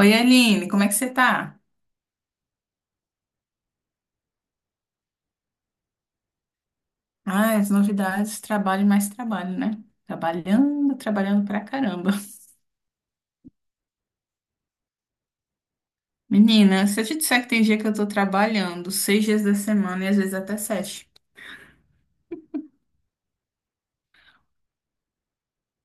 Oi, Aline, como é que você tá? Ah, as novidades, trabalho e mais trabalho, né? Trabalhando, trabalhando pra caramba. Menina, se eu te disser que tem dia que eu tô trabalhando 6 dias da semana e às vezes até 7.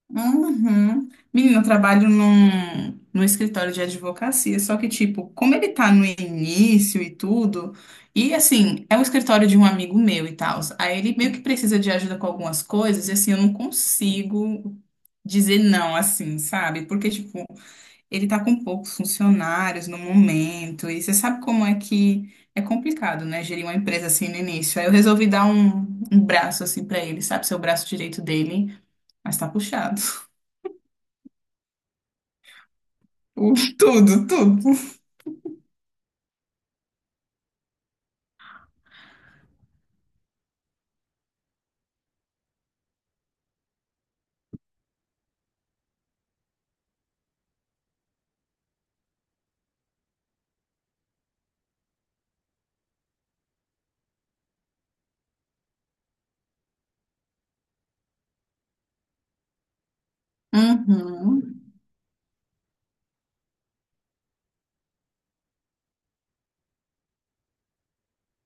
Uhum. Menina, eu trabalho num escritório de advocacia, só que, tipo, como ele tá no início e tudo, e assim, é um escritório de um amigo meu e tal, aí ele meio que precisa de ajuda com algumas coisas, e assim, eu não consigo dizer não, assim, sabe? Porque, tipo, ele está com poucos funcionários no momento, e você sabe como é que é complicado, né? Gerir uma empresa assim no início. Aí eu resolvi dar um braço assim para ele, sabe? Ser o braço direito dele, mas tá puxado. O- Tudo, tudo. Uhum.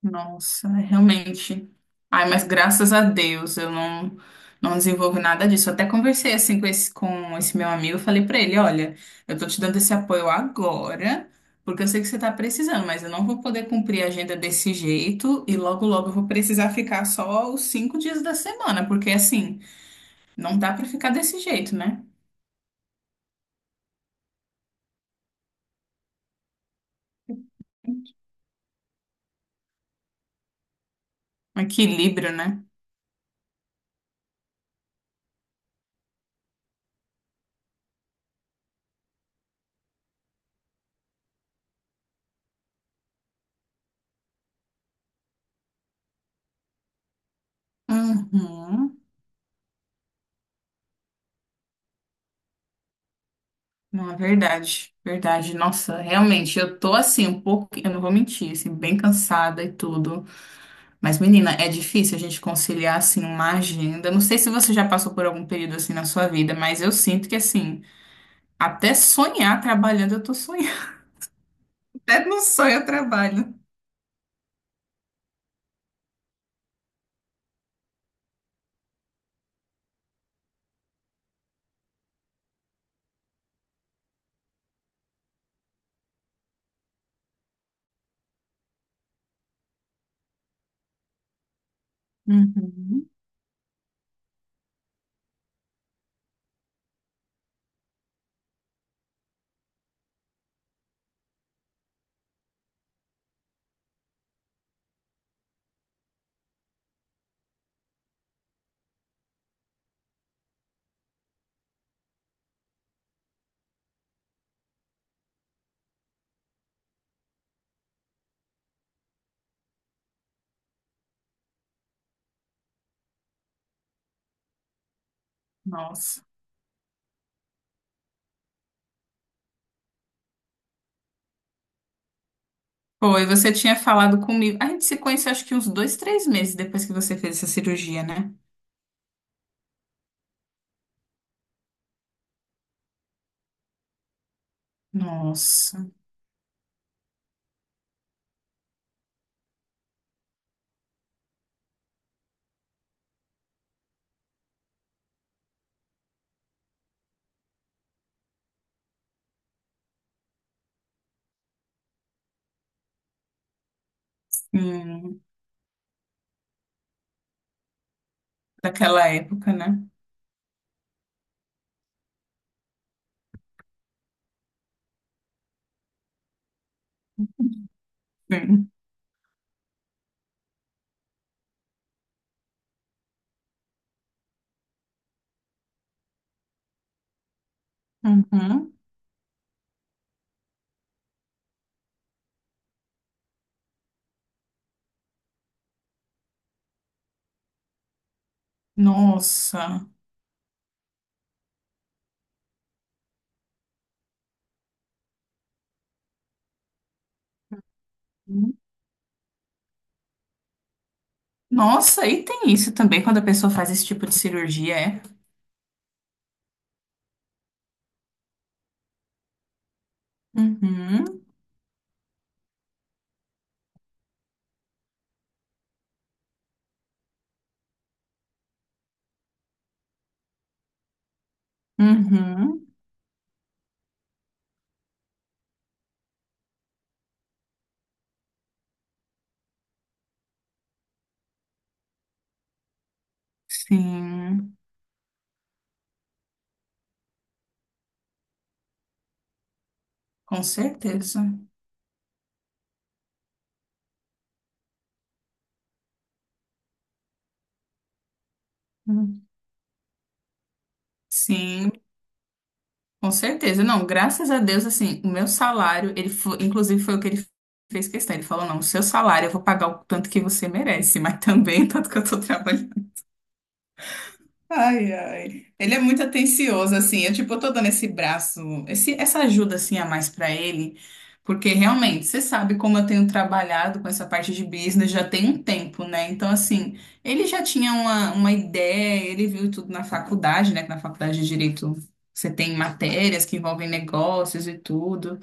Nossa, é realmente. Ai, mas graças a Deus eu não, não desenvolvi nada disso. Eu até conversei assim com com esse meu amigo, eu falei pra ele, olha, eu tô te dando esse apoio agora, porque eu sei que você tá precisando, mas eu não vou poder cumprir a agenda desse jeito e logo logo eu vou precisar ficar só os 5 dias da semana, porque assim, não dá pra ficar desse jeito, né? Um equilíbrio, né? Uhum. Não, é verdade, verdade. Nossa, realmente, eu tô assim, um pouco, eu não vou mentir, assim, bem cansada e tudo. Mas, menina, é difícil a gente conciliar, assim, uma agenda. Não sei se você já passou por algum período assim na sua vida, mas eu sinto que, assim, até sonhar trabalhando, eu tô sonhando. Até no sonho eu trabalho. Uhum. Nossa. Pô, você tinha falado comigo. A gente se conheceu, acho que uns 2, 3 meses depois que você fez essa cirurgia, né? Nossa. Hum, daquela época, né? Sim. Uhum. Nossa. Nossa, e tem isso também quando a pessoa faz esse tipo de cirurgia, é? Uhum, uhum, sim, com certeza. Hum, Sim, com certeza. Não, graças a Deus, assim, o meu salário, ele foi, inclusive foi o que ele fez questão. Ele falou, não, o seu salário eu vou pagar o tanto que você merece, mas também o tanto que eu tô trabalhando. Ai, ai. Ele é muito atencioso, assim. Eu, tipo, eu tô dando esse braço, essa ajuda, assim, a mais pra ele, porque realmente, você sabe como eu tenho trabalhado com essa parte de business já tem um tempo, né? Então, assim, ele já tinha uma ideia, ele viu tudo na faculdade, né? Que na faculdade de Direito você tem matérias que envolvem negócios e tudo.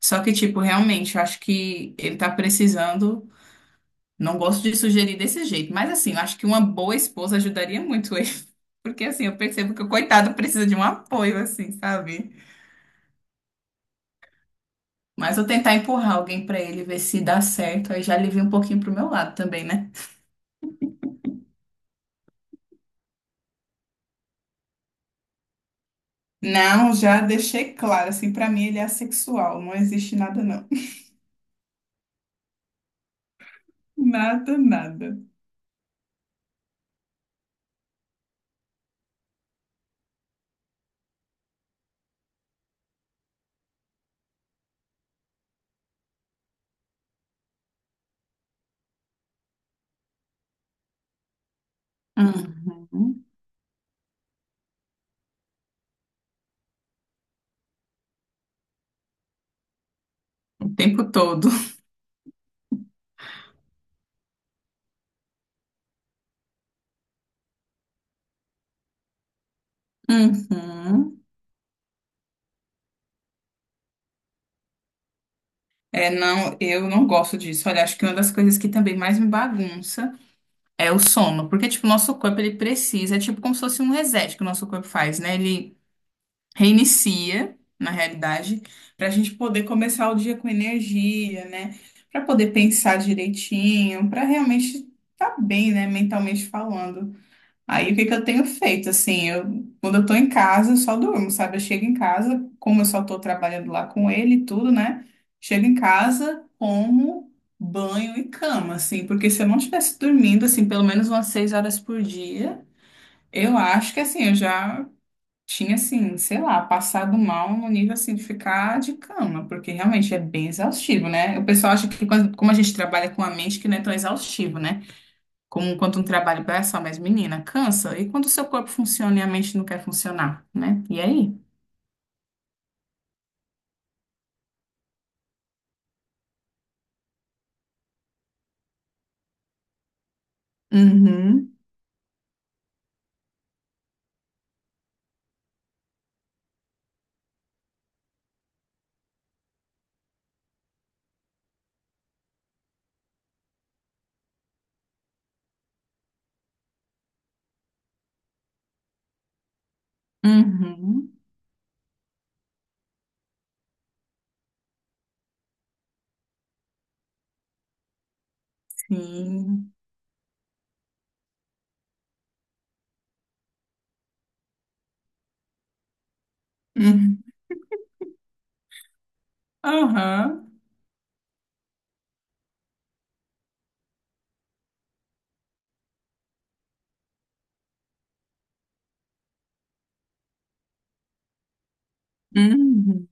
Só que, tipo, realmente, eu acho que ele tá precisando. Não gosto de sugerir desse jeito, mas assim, eu acho que uma boa esposa ajudaria muito ele. Porque assim, eu percebo que o coitado precisa de um apoio, assim, sabe? Mas eu tentar empurrar alguém pra ele, ver se dá certo, aí já alivia um pouquinho pro meu lado também, né? Não, já deixei claro, assim, pra mim ele é assexual, não existe nada não. Nada, nada. Uhum. O tempo todo. Uhum. É, não, eu não gosto disso. Olha, acho que uma das coisas que também mais me bagunça. É o sono, porque tipo, o nosso corpo ele precisa, é tipo como se fosse um reset que o nosso corpo faz, né? Ele reinicia, na realidade, para a gente poder começar o dia com energia, né? Para poder pensar direitinho, para realmente estar tá bem, né, mentalmente falando. Aí o que que eu tenho feito? Assim, eu, quando eu tô em casa, eu só durmo, sabe? Eu chego em casa, como eu só tô trabalhando lá com ele e tudo, né? Chego em casa, como banho e cama, assim, porque se eu não estivesse dormindo, assim, pelo menos umas 6 horas por dia, eu acho que, assim, eu já tinha, assim, sei lá, passado mal no nível, assim, de ficar de cama, porque realmente é bem exaustivo, né? O pessoal acha que quando- como a gente trabalha com a mente, que não é tão exaustivo, né? Como quando um trabalho braçal, mas menina, cansa. E quando o seu corpo funciona e a mente não quer funcionar, né? E aí? Uhum, uhum, sim. Uhum, aham, uhum,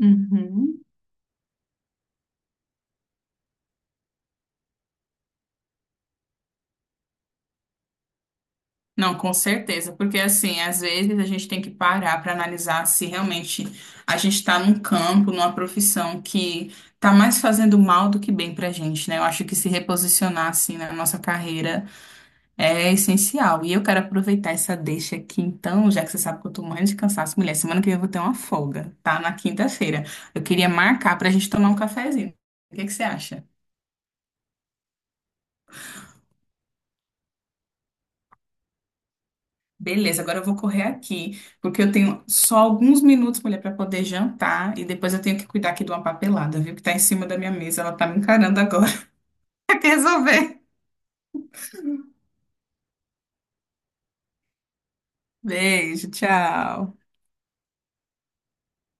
uhum. Não, com certeza, porque assim, às vezes a gente tem que parar para analisar se realmente a gente está num campo, numa profissão que está mais fazendo mal do que bem pra gente, né? Eu acho que se reposicionar assim na nossa carreira é essencial. E eu quero aproveitar essa deixa aqui, então, já que você sabe que eu tô morrendo de cansaço, mulher. Semana que vem eu vou ter uma folga, tá? Na quinta-feira. Eu queria marcar pra gente tomar um cafezinho. O que que você acha? Beleza, agora eu vou correr aqui, porque eu tenho só alguns minutos, mulher, pra poder jantar. E depois eu tenho que cuidar aqui de uma papelada, viu? Que tá em cima da minha mesa. Ela tá me encarando agora. Tem que resolver. Beijo, tchau.